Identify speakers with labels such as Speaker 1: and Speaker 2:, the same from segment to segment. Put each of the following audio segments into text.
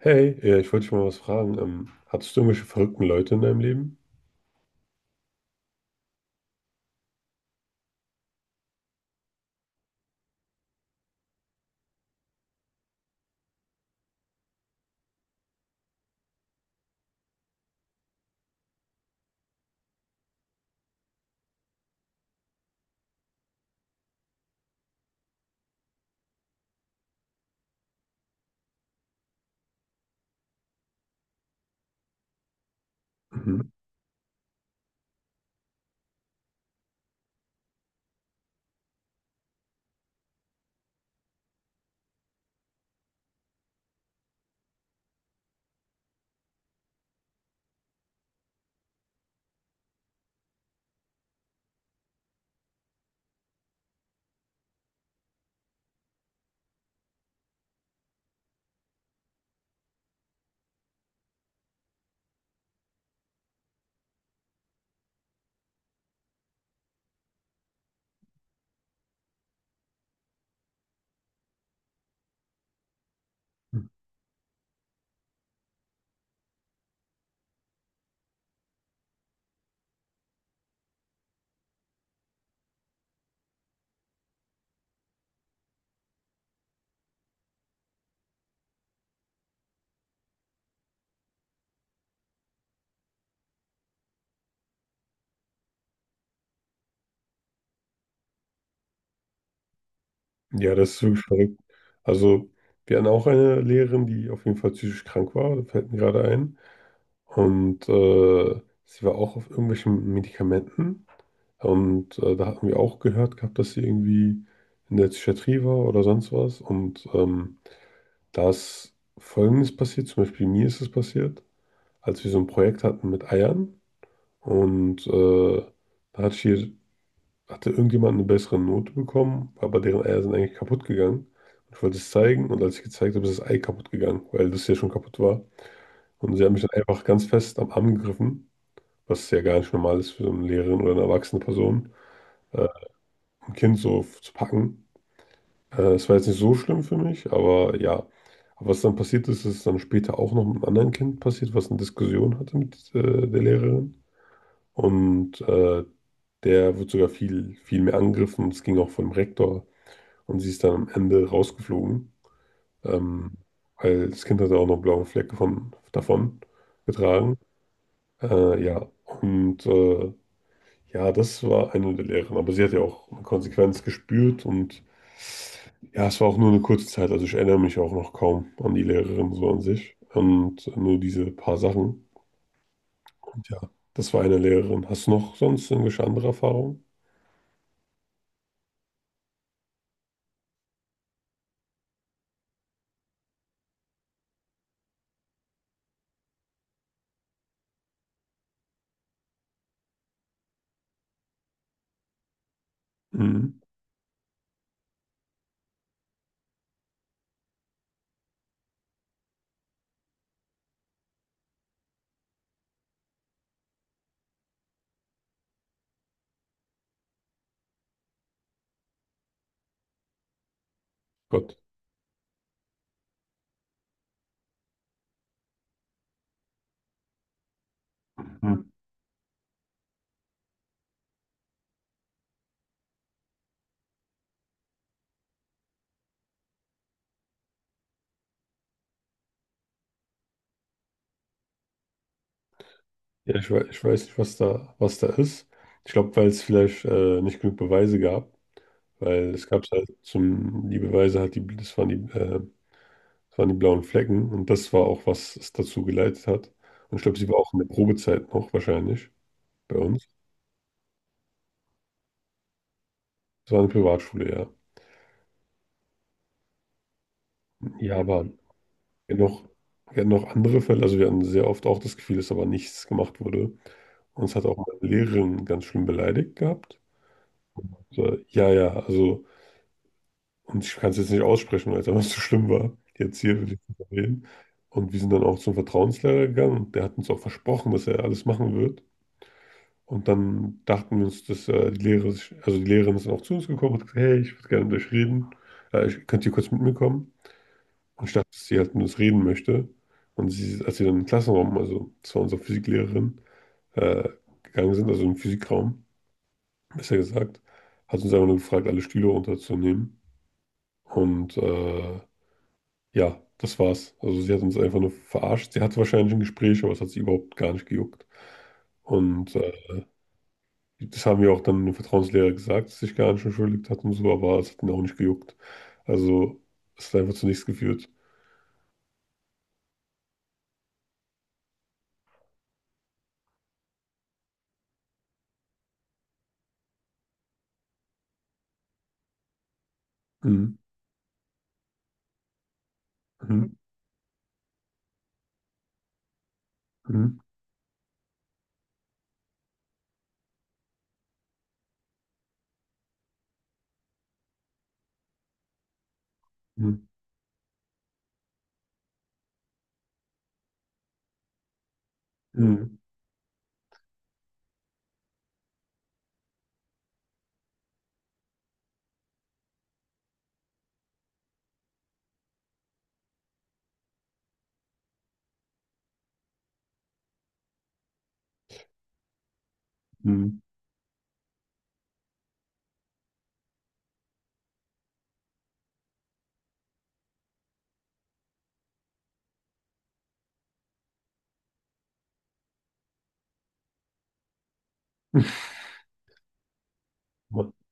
Speaker 1: Hey, ja, ich wollte dich mal was fragen. Hattest du irgendwelche verrückten Leute in deinem Leben? Mhm. Ja, das ist wirklich verrückt. Also, wir hatten auch eine Lehrerin, die auf jeden Fall psychisch krank war, das fällt mir gerade ein. Und sie war auch auf irgendwelchen Medikamenten. Und da hatten wir auch gehört gehabt, dass sie irgendwie in der Psychiatrie war oder sonst was. Und da ist Folgendes passiert, zum Beispiel mir ist es passiert, als wir so ein Projekt hatten mit Eiern. Und da hatte irgendjemand eine bessere Note bekommen, aber deren Eier sind eigentlich kaputt gegangen. Und ich wollte es zeigen und als ich gezeigt habe, ist das Ei kaputt gegangen, weil das ja schon kaputt war. Und sie haben mich dann einfach ganz fest am Arm gegriffen, was ja gar nicht normal ist für so eine Lehrerin oder eine erwachsene Person, äh, ein Kind so zu packen. Es war jetzt nicht so schlimm für mich, aber ja. Aber was dann passiert ist, ist dann später auch noch mit einem anderen Kind passiert, was eine Diskussion hatte mit der Lehrerin. Und der wird sogar viel, viel mehr angegriffen. Es ging auch vom Rektor. Und sie ist dann am Ende rausgeflogen, ähm, weil das Kind hatte auch noch einen blauen Fleck von, davon getragen. Ja, und ja, das war eine der Lehren. Aber sie hat ja auch eine Konsequenz gespürt und ja, es war auch nur eine kurze Zeit. Also ich erinnere mich auch noch kaum an die Lehrerin so an sich und nur diese paar Sachen. Und ja, das war eine Lehrerin. Hast du noch sonst irgendwelche andere Erfahrungen? Mhm. Gott. Mhm. Ja, ich weiß nicht, was da ist. Ich glaube, weil es vielleicht nicht genug Beweise gab, weil es gab halt zum, die Beweise halt, die, das waren die, das waren die blauen Flecken und das war auch, was es dazu geleitet hat. Und ich glaube, sie war auch in der Probezeit noch wahrscheinlich bei uns. Das war eine Privatschule, ja. Ja, aber wir hatten noch, wir hatten noch andere Fälle, also wir hatten sehr oft auch das Gefühl, dass aber nichts gemacht wurde. Uns hat auch meine Lehrerin ganz schlimm beleidigt gehabt. So, ja, ja, also. Und ich kann es jetzt nicht aussprechen, weil es einfach so schlimm war. Die Erzieherin, die zu reden. Und wir sind dann auch zum Vertrauenslehrer gegangen und der hat uns auch versprochen, dass er alles machen wird. Und dann dachten wir uns, dass also die Lehrerin ist dann auch zu uns gekommen und hat gesagt, hey, ich würde gerne mit euch reden. Könnt ihr kurz mit mir kommen? Und ich dachte, dass sie halt mit uns reden möchte. Und sie, als wir dann im Klassenraum, also das war unsere Physiklehrerin, äh, gegangen sind, also im Physikraum, besser gesagt, hat uns einfach nur gefragt, alle Stühle runterzunehmen. Und ja, das war's. Also sie hat uns einfach nur verarscht. Sie hatte wahrscheinlich ein Gespräch, aber es hat sie überhaupt gar nicht gejuckt. Und das haben wir auch dann dem Vertrauenslehrer gesagt, dass sie sich gar nicht entschuldigt hat und so, aber es hat ihn auch nicht gejuckt. Also es hat einfach zu nichts geführt. Mhm. Mhm. Mhm. Mhm. Mhm. Mhm.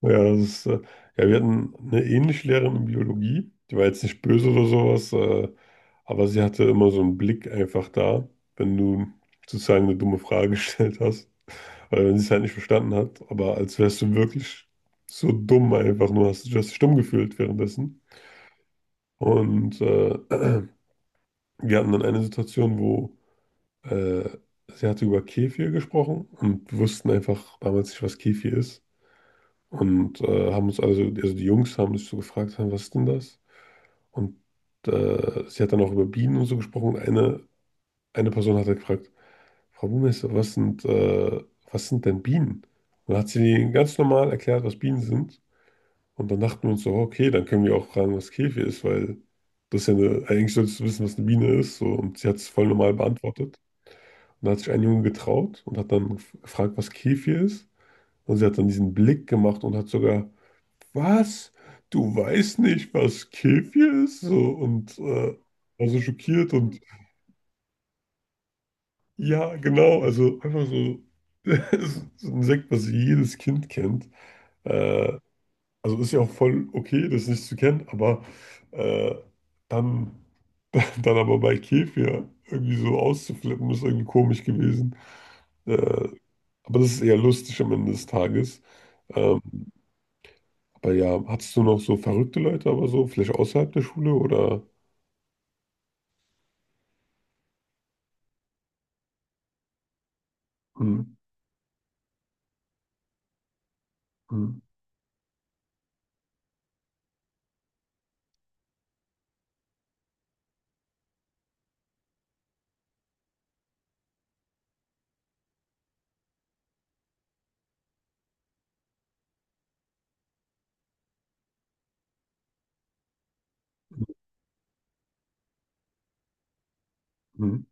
Speaker 1: Ja, das ist, ja, wir hatten eine ähnliche Lehrerin in Biologie, die war jetzt nicht böse oder sowas, aber sie hatte immer so einen Blick einfach da, wenn du sozusagen eine dumme Frage gestellt hast, oder wenn sie es halt nicht verstanden hat, aber als wärst du wirklich so dumm einfach, nur hast dich dumm gefühlt währenddessen. Und wir hatten dann eine Situation, wo äh, sie hatte über Kefir gesprochen und wir wussten einfach damals nicht, was Kefir ist. Und also die Jungs haben sich so gefragt, "Hä, was ist denn das? Und sie hat dann auch über Bienen und so gesprochen. Und eine Person hat dann gefragt, Frau Buchmeister, was sind denn Bienen? Und dann hat sie ihnen ganz normal erklärt, was Bienen sind. Und dann dachten wir uns so, "Oh, okay, dann können wir auch fragen, was Käfig ist, weil das ist ja eine, eigentlich solltest du wissen, was eine Biene ist. So. Und sie hat es voll normal beantwortet. Und dann hat sich ein Junge getraut und hat dann gefragt, was Käfig ist. Und sie hat dann diesen Blick gemacht und hat sogar was? Du weißt nicht, was Kefir ist? So, und war so schockiert und ja, genau, also einfach so, es ist ein Sekt, was jedes Kind kennt. Äh, also ist ja auch voll okay, das nicht zu kennen, aber äh, dann, dann aber bei Kefir irgendwie so auszuflippen, ist irgendwie komisch gewesen. Äh, aber das ist eher lustig am Ende des Tages. Ähm, aber ja, hattest du noch so verrückte Leute, aber so, vielleicht außerhalb der Schule oder? Hm? Mhm. Mhm.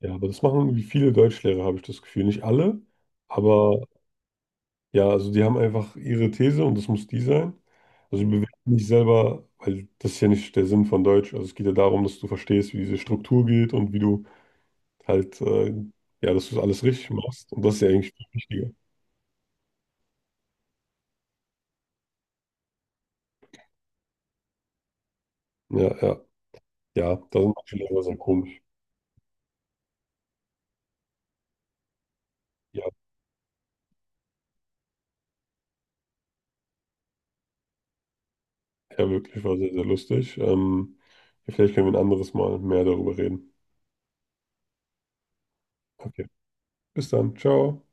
Speaker 1: Ja, aber das machen irgendwie viele Deutschlehrer, habe ich das Gefühl. Nicht alle, aber ja, also die haben einfach ihre These und das muss die sein. Also die bewerten nicht selber, weil das ist ja nicht der Sinn von Deutsch. Also es geht ja darum, dass du verstehst, wie diese Struktur geht und wie du halt ja, dass du das alles richtig machst. Und das ist ja eigentlich viel wichtiger. Ja, ja, ja, da sind manche Lehrer sehr komisch. Ja, ja, wirklich, war sehr, sehr lustig. Ja, vielleicht können wir ein anderes Mal mehr darüber reden. Okay, bis dann, ciao.